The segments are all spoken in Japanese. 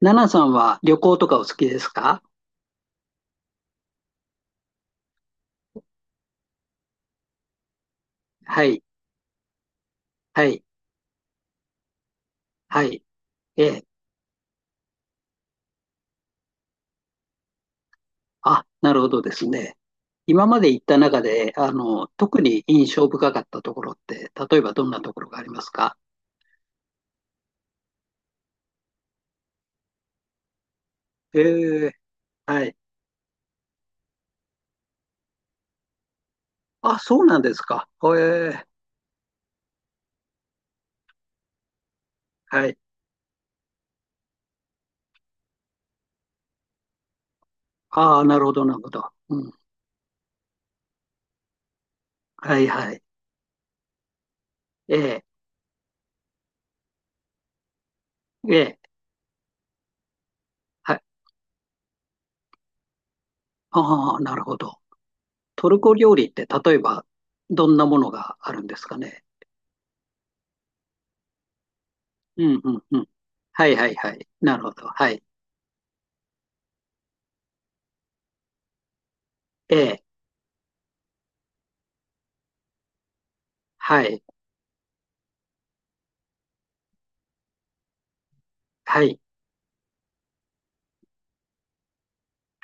ナナさんは旅行とかお好きですか？はい、はい、はい。ええ。あ、なるほどですね。今まで行った中で、特に印象深かったところって、例えばどんなところがありますか？ええ、はい。あ、そうなんですか。ええ、はい。ああ、なるほど、なるほど。うん。はい、はい。ええ、ええ、はい。ああ、なるほど。トルコ料理って、例えば、どんなものがあるんですかね。うん、うん、うん。はい、はい、はい。なるほど。はい。ええ、はい、はい、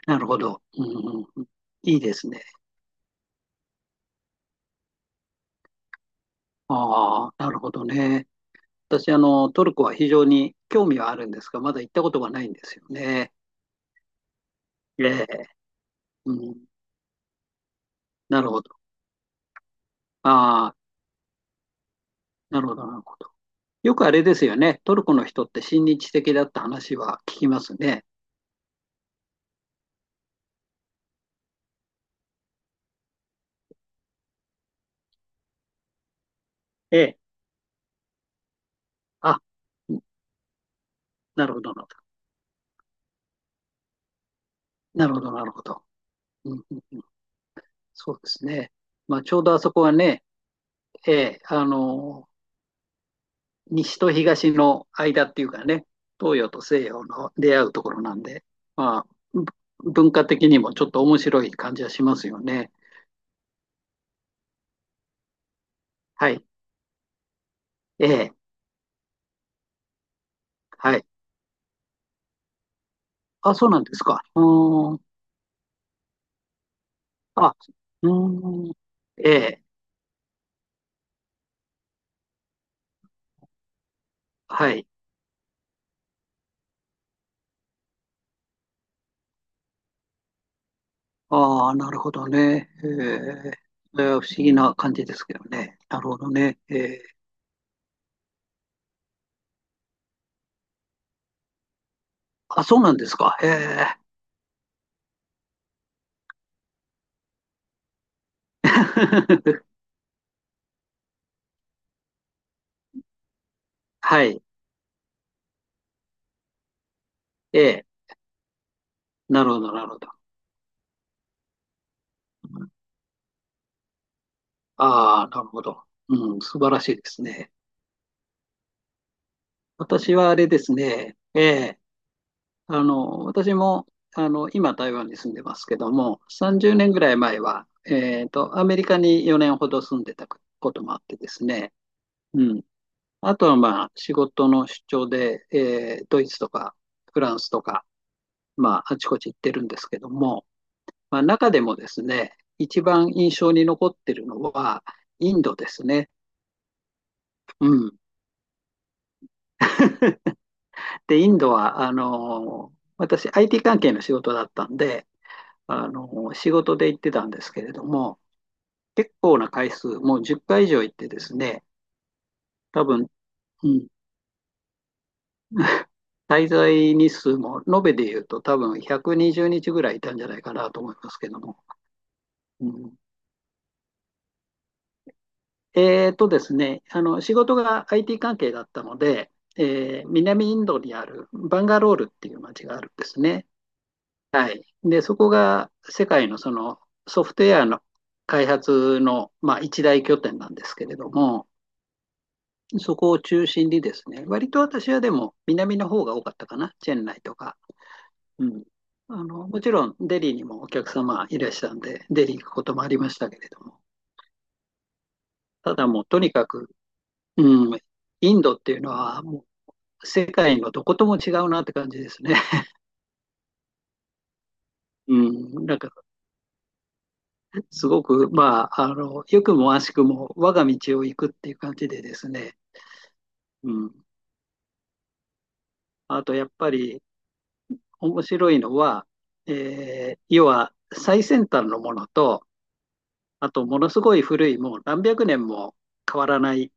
なるほど。うんうんうん、いいですね。ああ、なるほどね。私、トルコは非常に興味はあるんですが、まだ行ったことがないんですよね。ええ、うん、なるほど。ああ、なるほど、なるほど。よくあれですよね。トルコの人って親日的だった話は聞きますね。ええ、あ、なるほど、なるほど、なるほど。なるほど。うんうんうん、そうですね。まあ、ちょうどあそこはね、ええ、西と東の間っていうかね、東洋と西洋の出会うところなんで、まあ、文化的にもちょっと面白い感じはしますよね。はい。ええ。はい。あ、そうなんですか。うーん。あ、うーん。ええ。はい。ああ、なるほどね。ええ。それは不思議な感じですけどね。なるほどね。ええ。あ、そうなんですか。ええ。はい。ええ。なるほど、なるほど。ああ、なるほど。うん、素晴らしいですね。私はあれですね、ええ、私も、今台湾に住んでますけども、30年ぐらい前は、アメリカに4年ほど住んでたこともあってですね、うん。あとはまあ、仕事の出張で、ドイツとかフランスとか、まあ、あちこち行ってるんですけども、まあ、中でもですね、一番印象に残ってるのは、インドですね。うん。で、インドは、私、IT 関係の仕事だったんで、仕事で行ってたんですけれども、結構な回数、もう10回以上行ってですね、多分、うん、滞在日数も、延べで言うと多分120日ぐらいいたんじゃないかなと思いますけども。うん、えーとですね、仕事が IT 関係だったので、南インドにあるバンガロールっていう街があるんですね。はい。で、そこが世界のそのソフトウェアの開発の、まあ、一大拠点なんですけれども、そこを中心にですね、割と私はでも南の方が多かったかな、チェンナイとか。うん。もちろんデリーにもお客様いらっしゃるんで、デリー行くこともありましたけれども、ただもうとにかく、うん、インドっていうのはもう世界のどことも違うなって感じですね。うん、なんかすごく、まあ、良くも悪しくも我が道を行くっていう感じでですね、うん。あと、やっぱり面白いのは、要は最先端のものと、あと、ものすごい古い、もう何百年も変わらない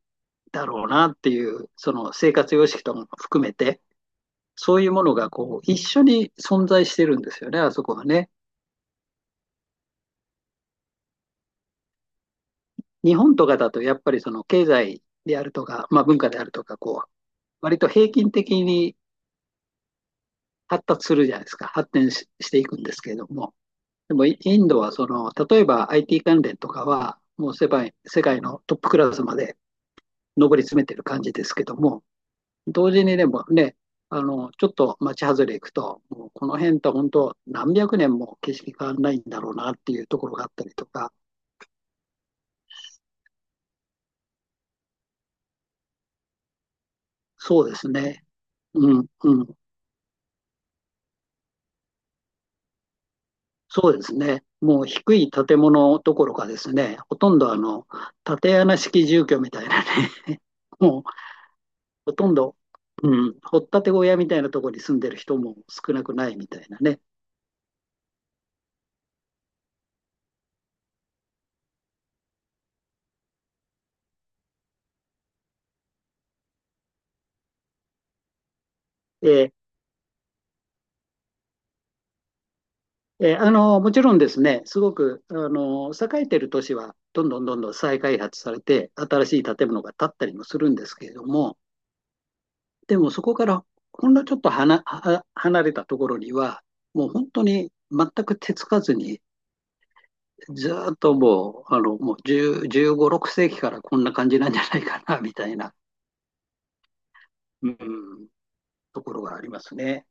だろうなっていう、その生活様式とかも含めて、そういうものがこう、一緒に存在してるんですよね、あそこはね。日本とかだと、やっぱりその経済であるとか、まあ文化であるとか、こう、割と平均的に発達するじゃないですか。発展ししていくんですけれども。でもインドはその、例えば IT 関連とかは、もう世界のトップクラスまで上り詰めてる感じですけども、同時にでもね、ちょっと町外れ行くと、もうこの辺と本当何百年も景色変わらないんだろうなっていうところがあったりとか、そうですね。うん、うん。そうですね。もう低い建物どころかですね、ほとんど縦穴式住居みたいなね、もうほとんど、うん、掘ったて小屋みたいなところに住んでる人も少なくないみたいなね。えーえーもちろんですね、すごくあの栄えてる都市はどんどんどんどん再開発されて、新しい建物が建ったりもするんですけれども、でもそこからほんのちょっとはなは離れたところには、もう本当に全く手つかずに、ずーっともう、もう10、15、6世紀からこんな感じなんじゃないかな、みたいな、うん、ところがありますね。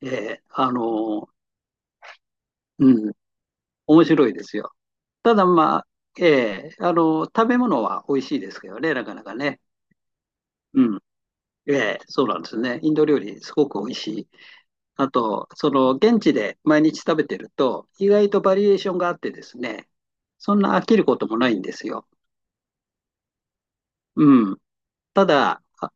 ええあの、うん、面白いですよ。ただまあ、え食べ物は美味しいですけどね、なかなかね。うん。えそうなんですね。インド料理すごく美味しい。あと、その、現地で毎日食べてると、意外とバリエーションがあってですね、そんな飽きることもないんですよ。うん。ただ、あ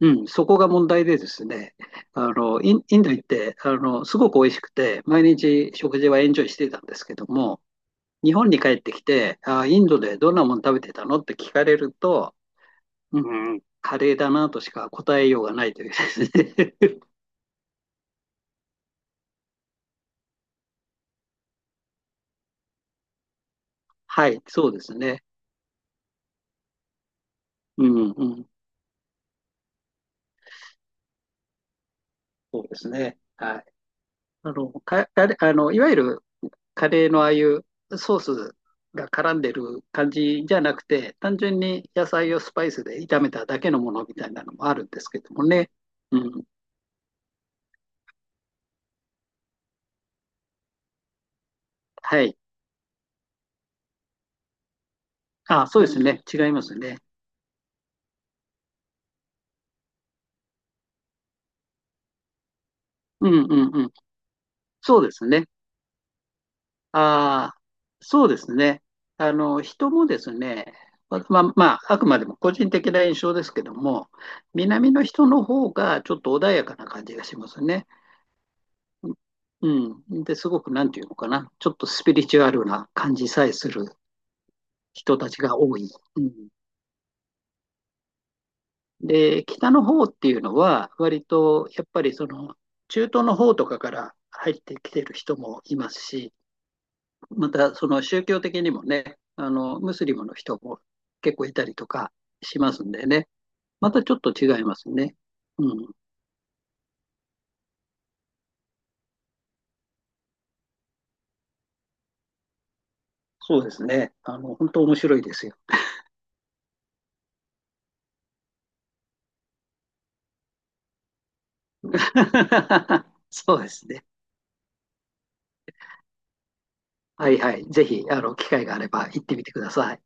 うん、そこが問題でですね、インド行って、すごく美味しくて、毎日食事はエンジョイしてたんですけども、日本に帰ってきて、あー、インドでどんなもの食べてたのって聞かれると、うん、カレーだなとしか答えようがないというですね。はい、そうですね。うん、うん、そうですね。はい。カレー、いわゆるカレーのああいうソースが絡んでる感じじゃなくて、単純に野菜をスパイスで炒めただけのものみたいなのもあるんですけどもね。うん、はい。あ、そうですね。違いますね。うん、うん、うん。そうですね。ああ、そうですね。あの、人もですね、まああくまでも個人的な印象ですけども、南の人の方がちょっと穏やかな感じがしますね。うん。で、すごく、なんていうのかな、ちょっとスピリチュアルな感じさえする人たちが多い。うん。で、北の方っていうのは、割と、やっぱりその、中東の方とかから入ってきてる人もいますし、またその宗教的にもね、ムスリムの人も結構いたりとかしますんでね、またちょっと違いますね。うん、そうですね。本当面白いですよ。そうですね。はいはい。ぜひ、機会があれば行ってみてください。